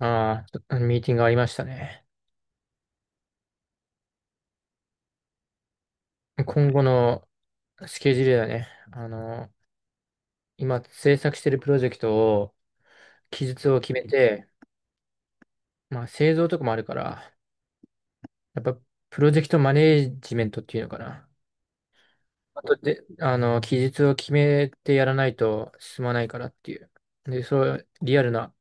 ああ、ちょっとミーティングありましたね。今後のスケジュールだね。今制作してるプロジェクトを、期日を決めて、まあ製造とかもあるから、やっぱプロジェクトマネージメントっていうのかな。あとで、期日を決めてやらないと進まないからっていう。で、そう、リアルな、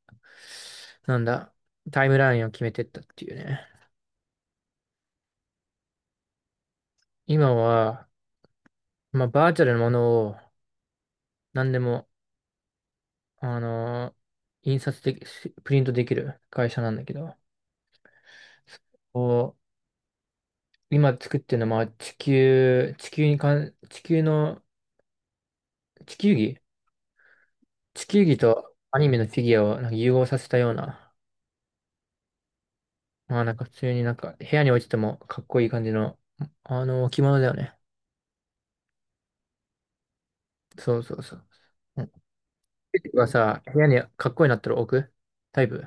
なんだ、タイムラインを決めてったっていうね。今は、まあバーチャルなものを何でもあのー印刷でき、しプリントできる会社なんだけど、こう、今作ってるのは、まあ地球、地球にかん、地球の、地球儀地球儀とアニメのフィギュアをなんか融合させたような、まあなんか普通になんか部屋に置いててもかっこいい感じの、置物だよね。そうそうそう。うん。ケイトがさ、部屋にかっこいいなったら置くタイプ。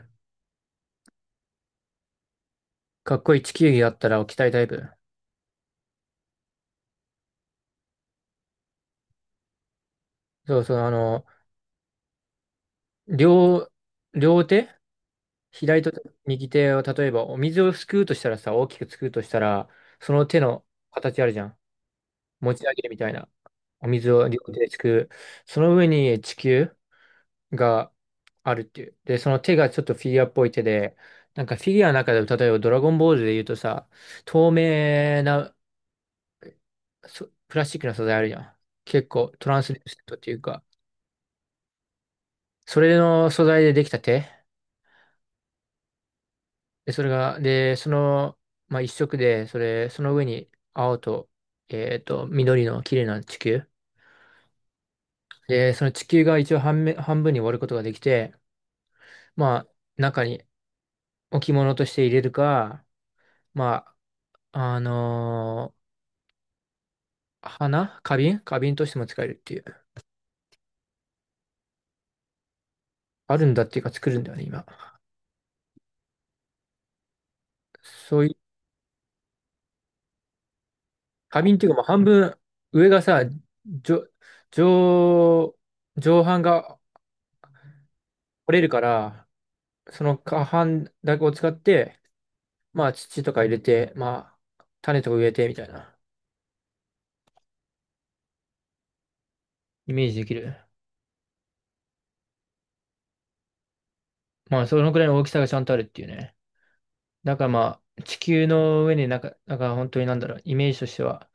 かっこいい地球儀があったら置きたいタイプ。そうそう、両、両手、左と右手を例えばお水をすくうとしたらさ、大きくすくうとしたら、その手の形あるじゃん。持ち上げるみたいな。お水を両手ですくう。その上に地球があるっていう。で、その手がちょっとフィギュアっぽい手で、なんかフィギュアの中でも例えばドラゴンボールで言うとさ、透明なプラスチックの素材あるじゃん。結構トランスレストっていうか、それの素材でできた手。で、それが、で、その、まあ、一色で、それ、その上に青と、緑の綺麗な地球。で、その地球が一応半面、半分に割ることができて、まあ、中に置物として入れるか、まあ、花瓶としても使えるっていう。あるんだっていうか作るんだよね、今。そういう、花瓶っていうかもう半分、上がさ、上、上、上半が折れるから、その下半だけを使って、まあ土とか入れて、まあ種とか植えてみたいなイメージできる。まあそのくらいの大きさがちゃんとあるっていうね。だからまあ地球の上になんか、なんか本当になんだろう、イメージとしては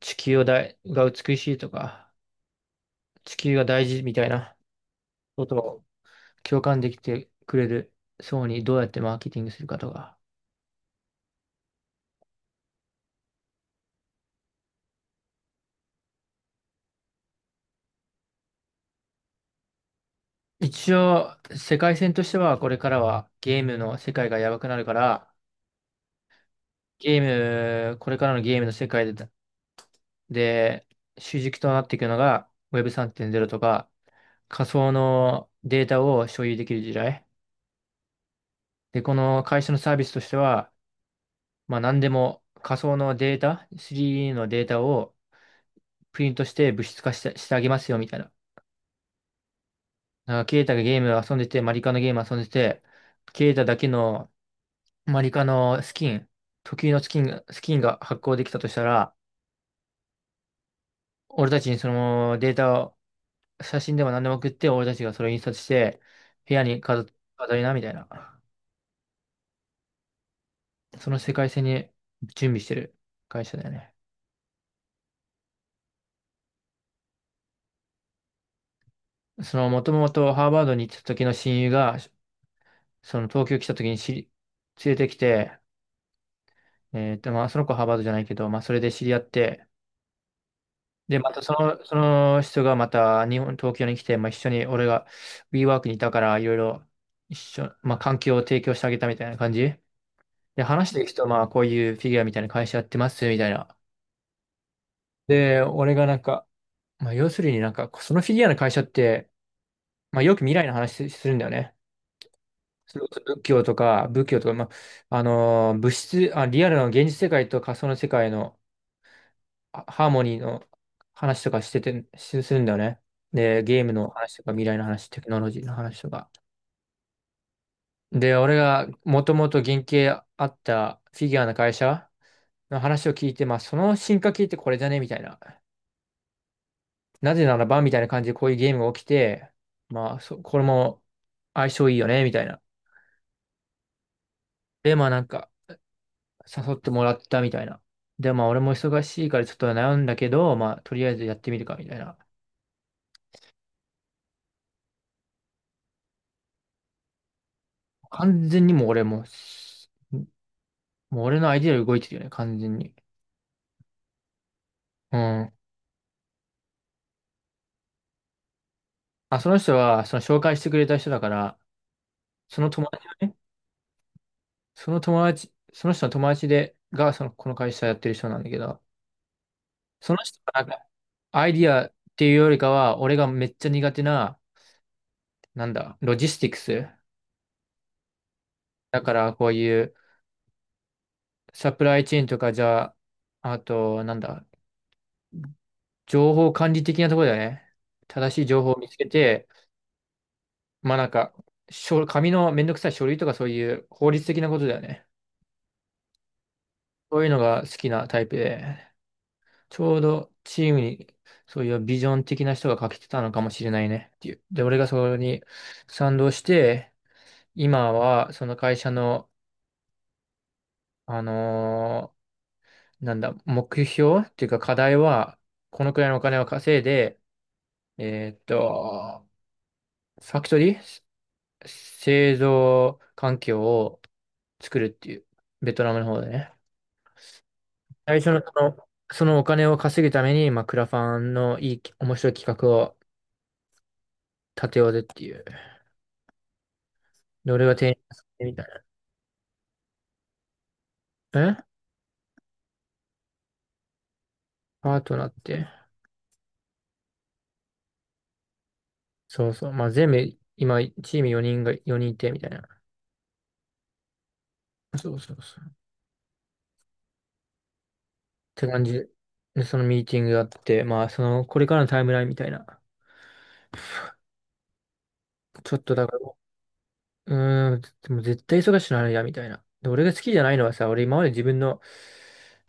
地球をだいが美しいとか、地球が大事みたいなことを共感できてくれる層にどうやってマーケティングするかとか。一応世界線としてはこれからはゲームの世界がやばくなるから、ゲーム、これからのゲームの世界で、主軸となっていくのが Web3.0 とか仮想のデータを所有できる時代。で、この会社のサービスとしては、まあ何でも仮想のデータ、3D のデータをプリントして物質化してあげますよみたいな。なんかケイタがゲーム遊んでて、マリカのゲーム遊んでて、ケイタだけのマリカのスキン、特有のスキンが発行できたとしたら、俺たちにそのデータを、写真でも何でも送って、俺たちがそれを印刷して、部屋に飾りな、みたいな。その世界線に準備してる会社だよね。その、もともとハーバードに行った時の親友が、その東京来た時に連れてきて、まあ、その子はハーバードじゃないけど、まあ、それで知り合って、で、またその人がまた日本、東京に来て、まあ、一緒に俺が WeWork にいたから、いろいろまあ、環境を提供してあげたみたいな感じ。で、話していく人、まあ、こういうフィギュアみたいな会社やってます、みたいな。で、俺がなんか、まあ、要するになんか、そのフィギュアの会社って、まあ、よく未来の話するんだよね。それこそ仏教とか、まあ、物質、あ、リアルの現実世界と仮想の世界のハーモニーの話とかしてて、するんだよね。で、ゲームの話とか、未来の話、テクノロジーの話とか。で、俺がもともと原型あったフィギュアの会社の話を聞いて、まあ、その進化系ってこれじゃねみたいな。なぜならばみたいな感じでこういうゲームが起きて、まあ、これも相性いいよね、みたいな。で、まあなんか、誘ってもらったみたいな。で、まあ俺も忙しいからちょっと悩んだけど、まあとりあえずやってみるか、みたいな。完全にもう俺のアイデアより動いてるよね、完全に。うん。あ、その人は、その紹介してくれた人だから、その友達がね、その友達、その人の友達で、が、その、この会社やってる人なんだけど、その人がなんか、アイディアっていうよりかは、俺がめっちゃ苦手な、なんだ、ロジスティクス。だからこういうサプライチェーンとかじゃあ、あと、なんだ、情報管理的なところだよね。正しい情報を見つけて、まあなんか、書紙のめんどくさい書類とかそういう法律的なことだよね。そういうのが好きなタイプで、ちょうどチームにそういうビジョン的な人が欠けてたのかもしれないねっていう。で、俺がそれに賛同して、今はその会社の、あのなんだ、目標っていうか課題は、このくらいのお金を稼いで、えーっと、ファクトリー製造環境を作るっていう、ベトナムの方でね。最初のそのお金を稼ぐために、まあ、クラファンのいい、面白い企画を立てようぜっていう。で、俺が提案してみたいな。パートナーって。そうそう。まあ、全部、今、チーム4人いて、みたいな。そうそうそう。て感じで、そのミーティングがあって、まあ、その、これからのタイムラインみたいな。ちょっとだから、うーん、でも絶対忙しくなるや、みたいな。で、俺が好きじゃないのはさ、俺今まで自分の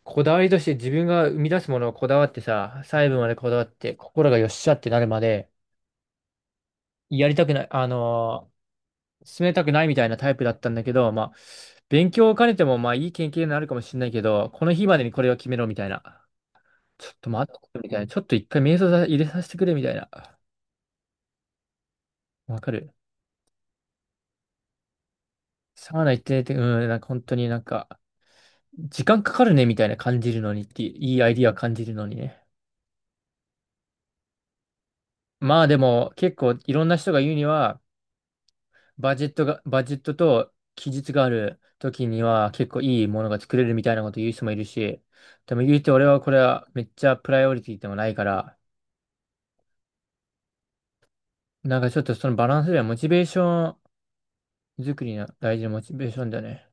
こだわりとして自分が生み出すものをこだわってさ、細部までこだわって、心がよっしゃってなるまで、やりたくない、進めたくないみたいなタイプだったんだけど、まあ、勉強を兼ねても、まあ、いい経験になるかもしれないけど、この日までにこれを決めろ、みたいな。ちょっと待って、みたいな。ちょっと一回瞑想さ入れさせてくれ、みたいな。わかる。サウナ行ってて、うん、なんか本当になんか、時間かかるねみたいな感じるのにって、いいアイディア感じるのにね。まあでも結構いろんな人が言うには、バジェットと期日がある時には結構いいものが作れるみたいなこと言う人もいるし、でも言うて俺はこれはめっちゃプライオリティでもないから、なんかちょっとそのバランスではモチベーション作りの大事なモチベーションだよね。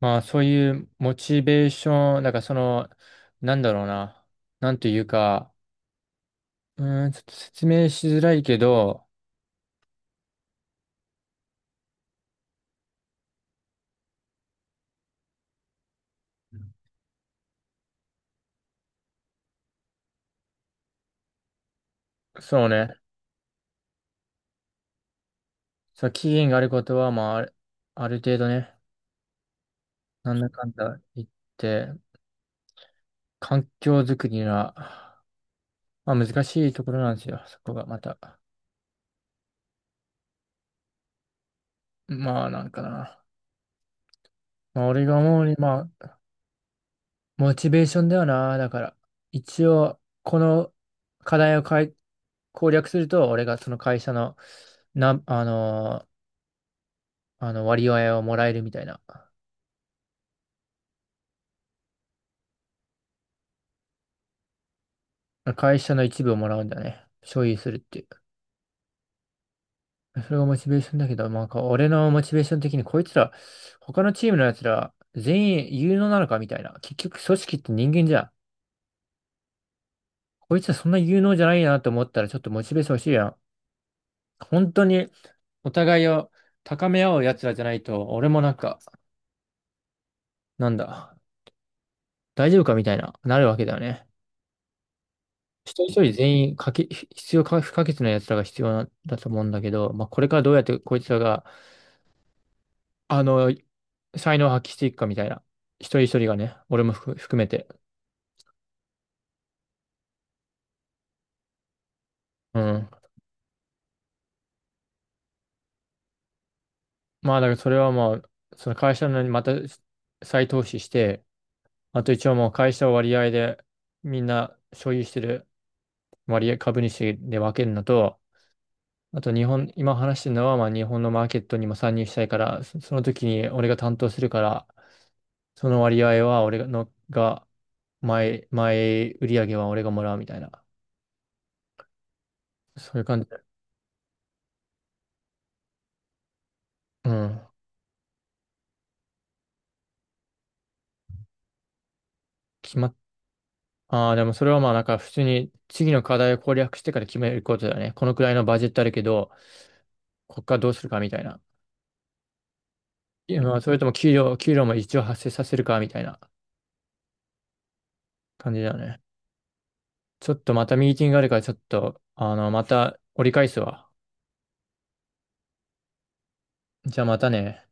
まあそういうモチベーション、なんかその、なんだろうな、なんというか、うーん、ちょっと説明しづらいけど、そうね。そう、期限があることは、まあ、ある程度ね、なんだかんだ言って、環境づくりは、まあ難しいところなんですよ、そこがまた。まあ、なんかな。まあ、俺が思うに、まあ、モチベーションだよな。だから、一応、この課題を攻略すると、俺がその会社の、な、あのー、あの割合をもらえるみたいな。会社の一部をもらうんだよね。所有するっていう。それがモチベーションだけど、まあ、俺のモチベーション的にこいつら、他のチームのやつら、全員有能なのかみたいな。結局、組織って人間じゃん。こいつらそんな有能じゃないなと思ったら、ちょっとモチベーション欲しいやん。本当に、お互いを高め合うやつらじゃないと、俺もなんか、なんだ、大丈夫かみたいな、なるわけだよね。一人一人全員必要か不可欠なやつらが必要なだと思うんだけど、まあ、これからどうやってこいつらが、あの、才能を発揮していくかみたいな。一人一人がね、俺も含めて。うん。まあ、だからそれはまあ、その会社のにまた再投資して、あと一応もう会社を割合でみんな所有してる割合株主で分けるのと、あと日本、今話してるのはまあ日本のマーケットにも参入したいから、その時に俺が担当するから、その割合は俺のが、前売り上げは俺がもらうみたいな。そういう感じで。うん。決まっ、ああ、でもそれはまあなんか普通に次の課題を攻略してから決めることだよね。このくらいのバジェットあるけど、こっからどうするかみたいな。いやまあ、それとも給料も一応発生させるかみたいな感じだよね。ちょっとまたミーティングがあるから、ちょっと、また折り返すわ。じゃあまたね。